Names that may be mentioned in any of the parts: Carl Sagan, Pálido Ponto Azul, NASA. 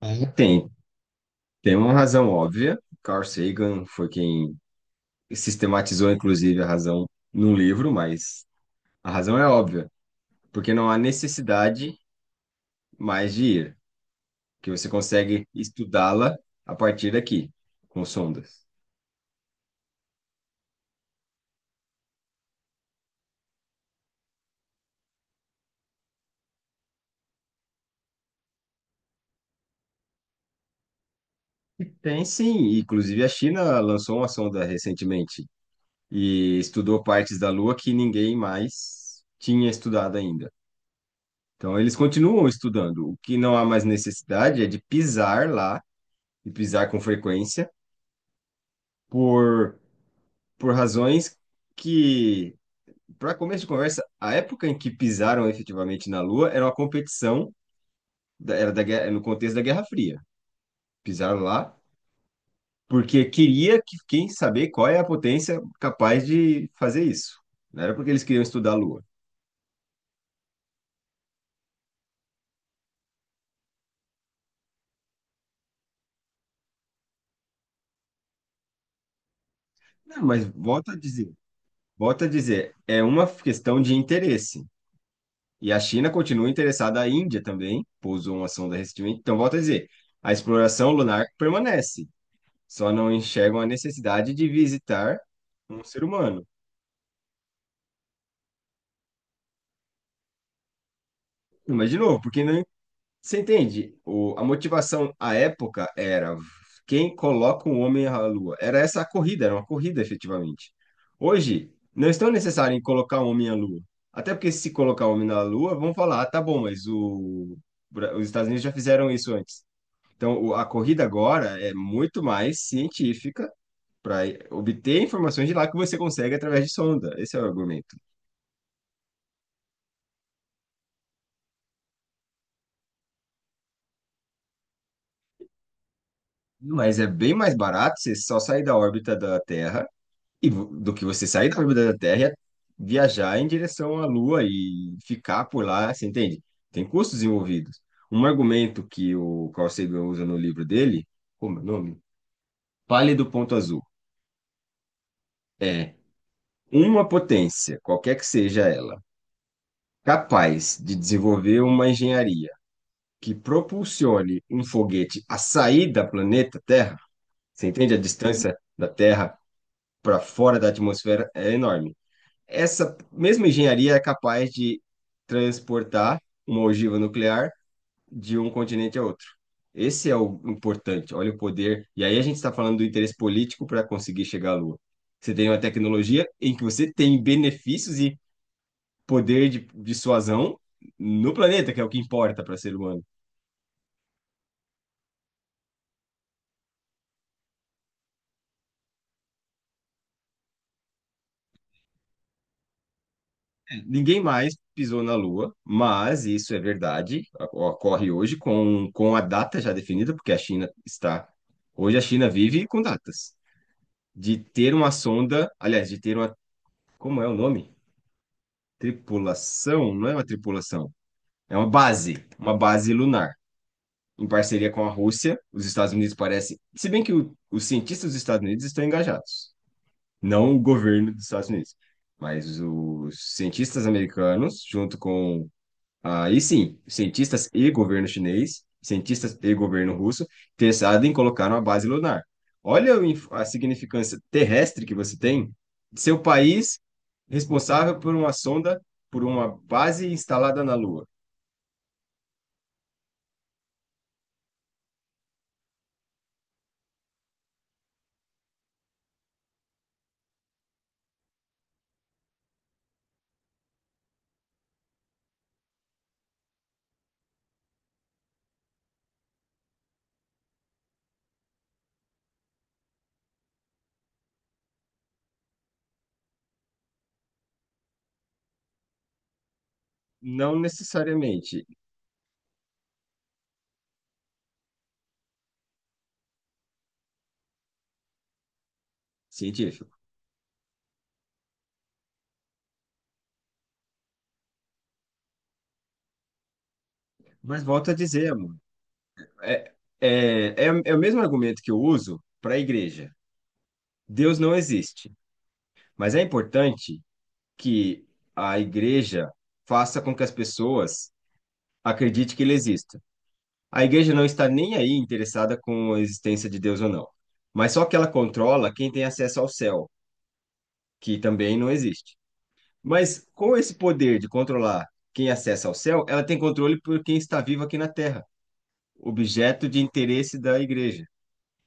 É, tem, tem uma razão óbvia. Carl Sagan foi quem sistematizou, inclusive, a razão num livro, mas a razão é óbvia, porque não há necessidade mais de ir, que você consegue estudá-la a partir daqui, com sondas. E tem sim, inclusive a China lançou uma sonda recentemente e estudou partes da Lua que ninguém mais tinha estudado ainda. Então eles continuam estudando. O que não há mais necessidade é de pisar lá, e pisar com frequência por, por razões que, para começo de conversa, a época em que pisaram efetivamente na Lua era uma competição, era da, no contexto da Guerra Fria. Pisaram lá porque queria que quem saber qual é a potência capaz de fazer isso. Não era porque eles queriam estudar a Lua. Não, mas volta a dizer, é uma questão de interesse. E a China continua interessada, a Índia também pousou uma sonda recentemente. Então, volta a dizer, a exploração lunar permanece. Só não enxergam a necessidade de visitar um ser humano. Mas, de novo, porque não, você entende? O, a motivação à época era quem coloca um homem à lua. Era essa a corrida, era uma corrida, efetivamente. Hoje, não é tão necessário em colocar um homem à lua. Até porque se colocar um homem na lua, vão falar, ah, tá bom, mas o, os Estados Unidos já fizeram isso antes. Então, a corrida agora é muito mais científica para obter informações de lá que você consegue através de sonda. Esse é o argumento. Mas é bem mais barato você só sair da órbita da Terra e do que você sair da órbita da Terra e viajar em direção à Lua e ficar por lá, você entende? Tem custos envolvidos. Um argumento que o Carl Sagan usa no livro dele, como é o nome? Pálido Ponto Azul, é uma potência, qualquer que seja ela, capaz de desenvolver uma engenharia que propulsione um foguete a sair da planeta Terra, você entende a distância da Terra para fora da atmosfera é enorme. Essa mesma engenharia é capaz de transportar uma ogiva nuclear de um continente a outro. Esse é o importante. Olha o poder. E aí a gente está falando do interesse político para conseguir chegar à Lua. Você tem uma tecnologia em que você tem benefícios e poder de dissuasão no planeta, que é o que importa para ser humano. Ninguém mais pisou na Lua, mas isso é verdade, ocorre hoje com a data já definida, porque a China está. Hoje a China vive com datas. De ter uma sonda, aliás, de ter uma. Como é o nome? Tripulação? Não é uma tripulação, é uma base lunar, em parceria com a Rússia. Os Estados Unidos parecem. Se bem que os cientistas dos Estados Unidos estão engajados, não o governo dos Estados Unidos. Mas os cientistas americanos, junto com, aí sim, cientistas e governo chinês, cientistas e governo russo, interessados em colocar uma base lunar. Olha o a significância terrestre que você tem, seu país responsável por uma sonda, por uma base instalada na Lua. Não necessariamente científico. Mas volto a dizer, amor, é, é o mesmo argumento que eu uso para a igreja. Deus não existe, mas é importante que a igreja faça com que as pessoas acredite que ele exista. A igreja não está nem aí interessada com a existência de Deus ou não, mas só que ela controla quem tem acesso ao céu, que também não existe. Mas com esse poder de controlar quem acessa ao céu, ela tem controle por quem está vivo aqui na terra, objeto de interesse da igreja.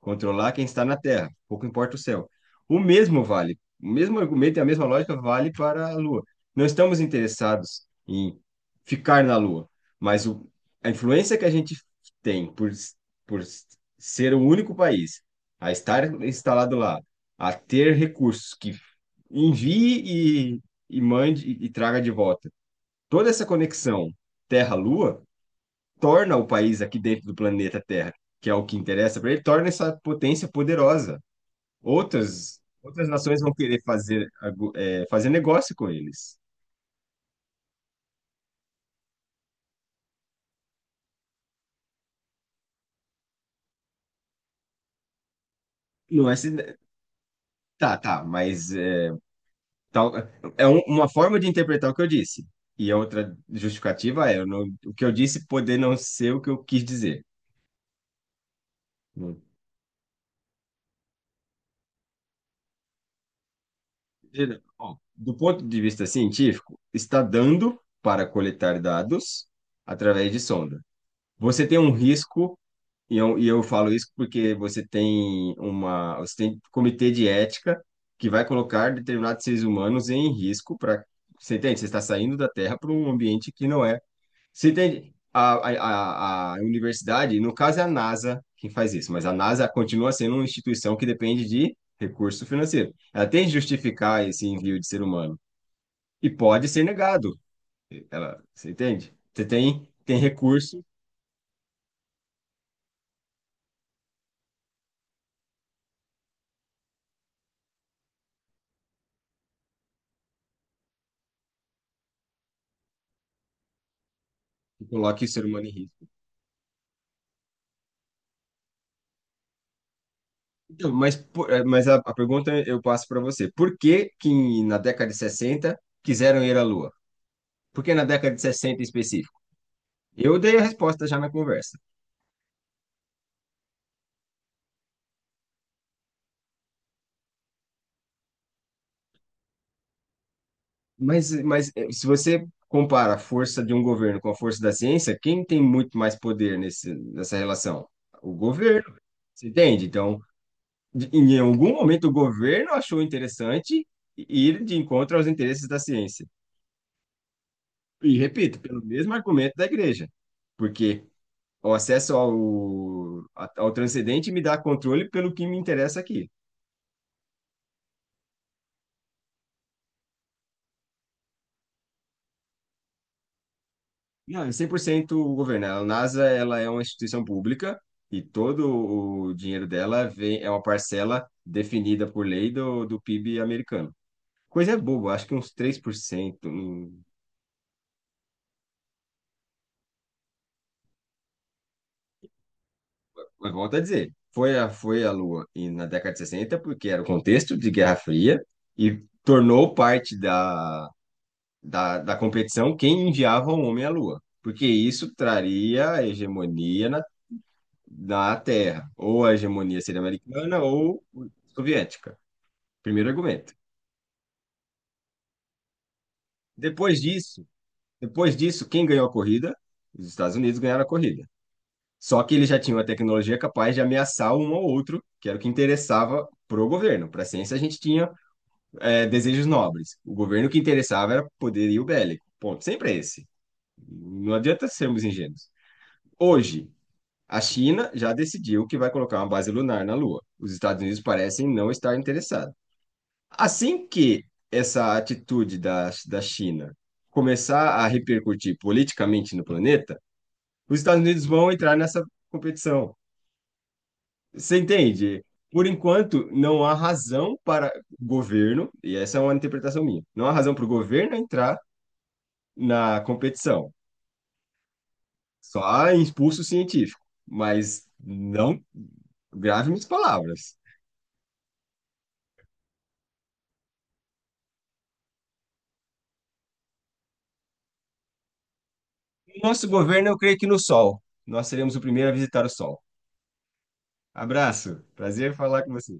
Controlar quem está na Terra, pouco importa o céu. O mesmo vale, o mesmo argumento e a mesma lógica vale para a Lua. Não estamos interessados em ficar na Lua, mas o, a influência que a gente tem por ser o único país a estar instalado lá, a ter recursos que envie e mande e traga de volta. Toda essa conexão Terra-Lua torna o país aqui dentro do planeta Terra, que é o que interessa para ele, torna essa potência poderosa. Outras, outras nações vão querer fazer, é, fazer negócio com eles. Não é se... Tá, tá, mas é, tal... é uma forma de interpretar o que eu disse. E a outra justificativa é eu não- o que eu disse poder não ser o que eu quis dizer. Hum. Entendeu? Ó, do ponto de vista científico, está dando para coletar dados através de sonda. Você tem um risco. E eu falo isso porque você tem uma, você tem comitê de ética que vai colocar determinados seres humanos em risco para, você entende? Você está saindo da Terra para um ambiente que não é. Você entende? A universidade, no caso é a NASA quem faz isso, mas a NASA continua sendo uma instituição que depende de recurso financeiro. Ela tem que justificar esse envio de ser humano e pode ser negado. Ela, você entende? Você tem, tem recurso que coloca o ser humano em risco. Então, mas, mas a pergunta eu passo para você. Por que que na década de 60 quiseram ir à Lua? Por que na década de 60 em específico? Eu dei a resposta já na conversa. Mas se você compara a força de um governo com a força da ciência, quem tem muito mais poder nesse, nessa relação? O governo. Você entende? Então, em algum momento o governo achou interessante ir de encontro aos interesses da ciência. E repito, pelo mesmo argumento da igreja. Porque o acesso ao, ao transcendente me dá controle pelo que me interessa aqui. Não, é 100% o governo. A NASA, ela é uma instituição pública e todo o dinheiro dela vem, é uma parcela definida por lei do, do PIB americano. Coisa boba, acho que uns 3%. Hum. Mas volto a dizer, foi a, foi a Lua e na década de 60 porque era o contexto de Guerra Fria e tornou parte da, da, da competição quem enviava o homem à Lua, porque isso traria a hegemonia na, na Terra, ou a hegemonia seria americana ou soviética. Primeiro argumento. Depois disso, depois disso, quem ganhou a corrida? Os Estados Unidos ganharam a corrida. Só que eles já tinham a tecnologia capaz de ameaçar um ao outro, que era o que interessava pro governo. Para a ciência, a gente tinha desejos nobres. O governo que interessava era poderio bélico. Ponto. Sempre é esse. Não adianta sermos ingênuos. Hoje, a China já decidiu que vai colocar uma base lunar na Lua. Os Estados Unidos parecem não estar interessados. Assim que essa atitude da, da China começar a repercutir politicamente no planeta, os Estados Unidos vão entrar nessa competição. Você entende? Por enquanto, não há razão para o governo, e essa é uma interpretação minha, não há razão para o governo entrar na competição. Só há impulso científico, mas não grave minhas palavras. Nosso governo, eu creio que no Sol. Nós seremos o primeiro a visitar o Sol. Abraço. Prazer falar com você.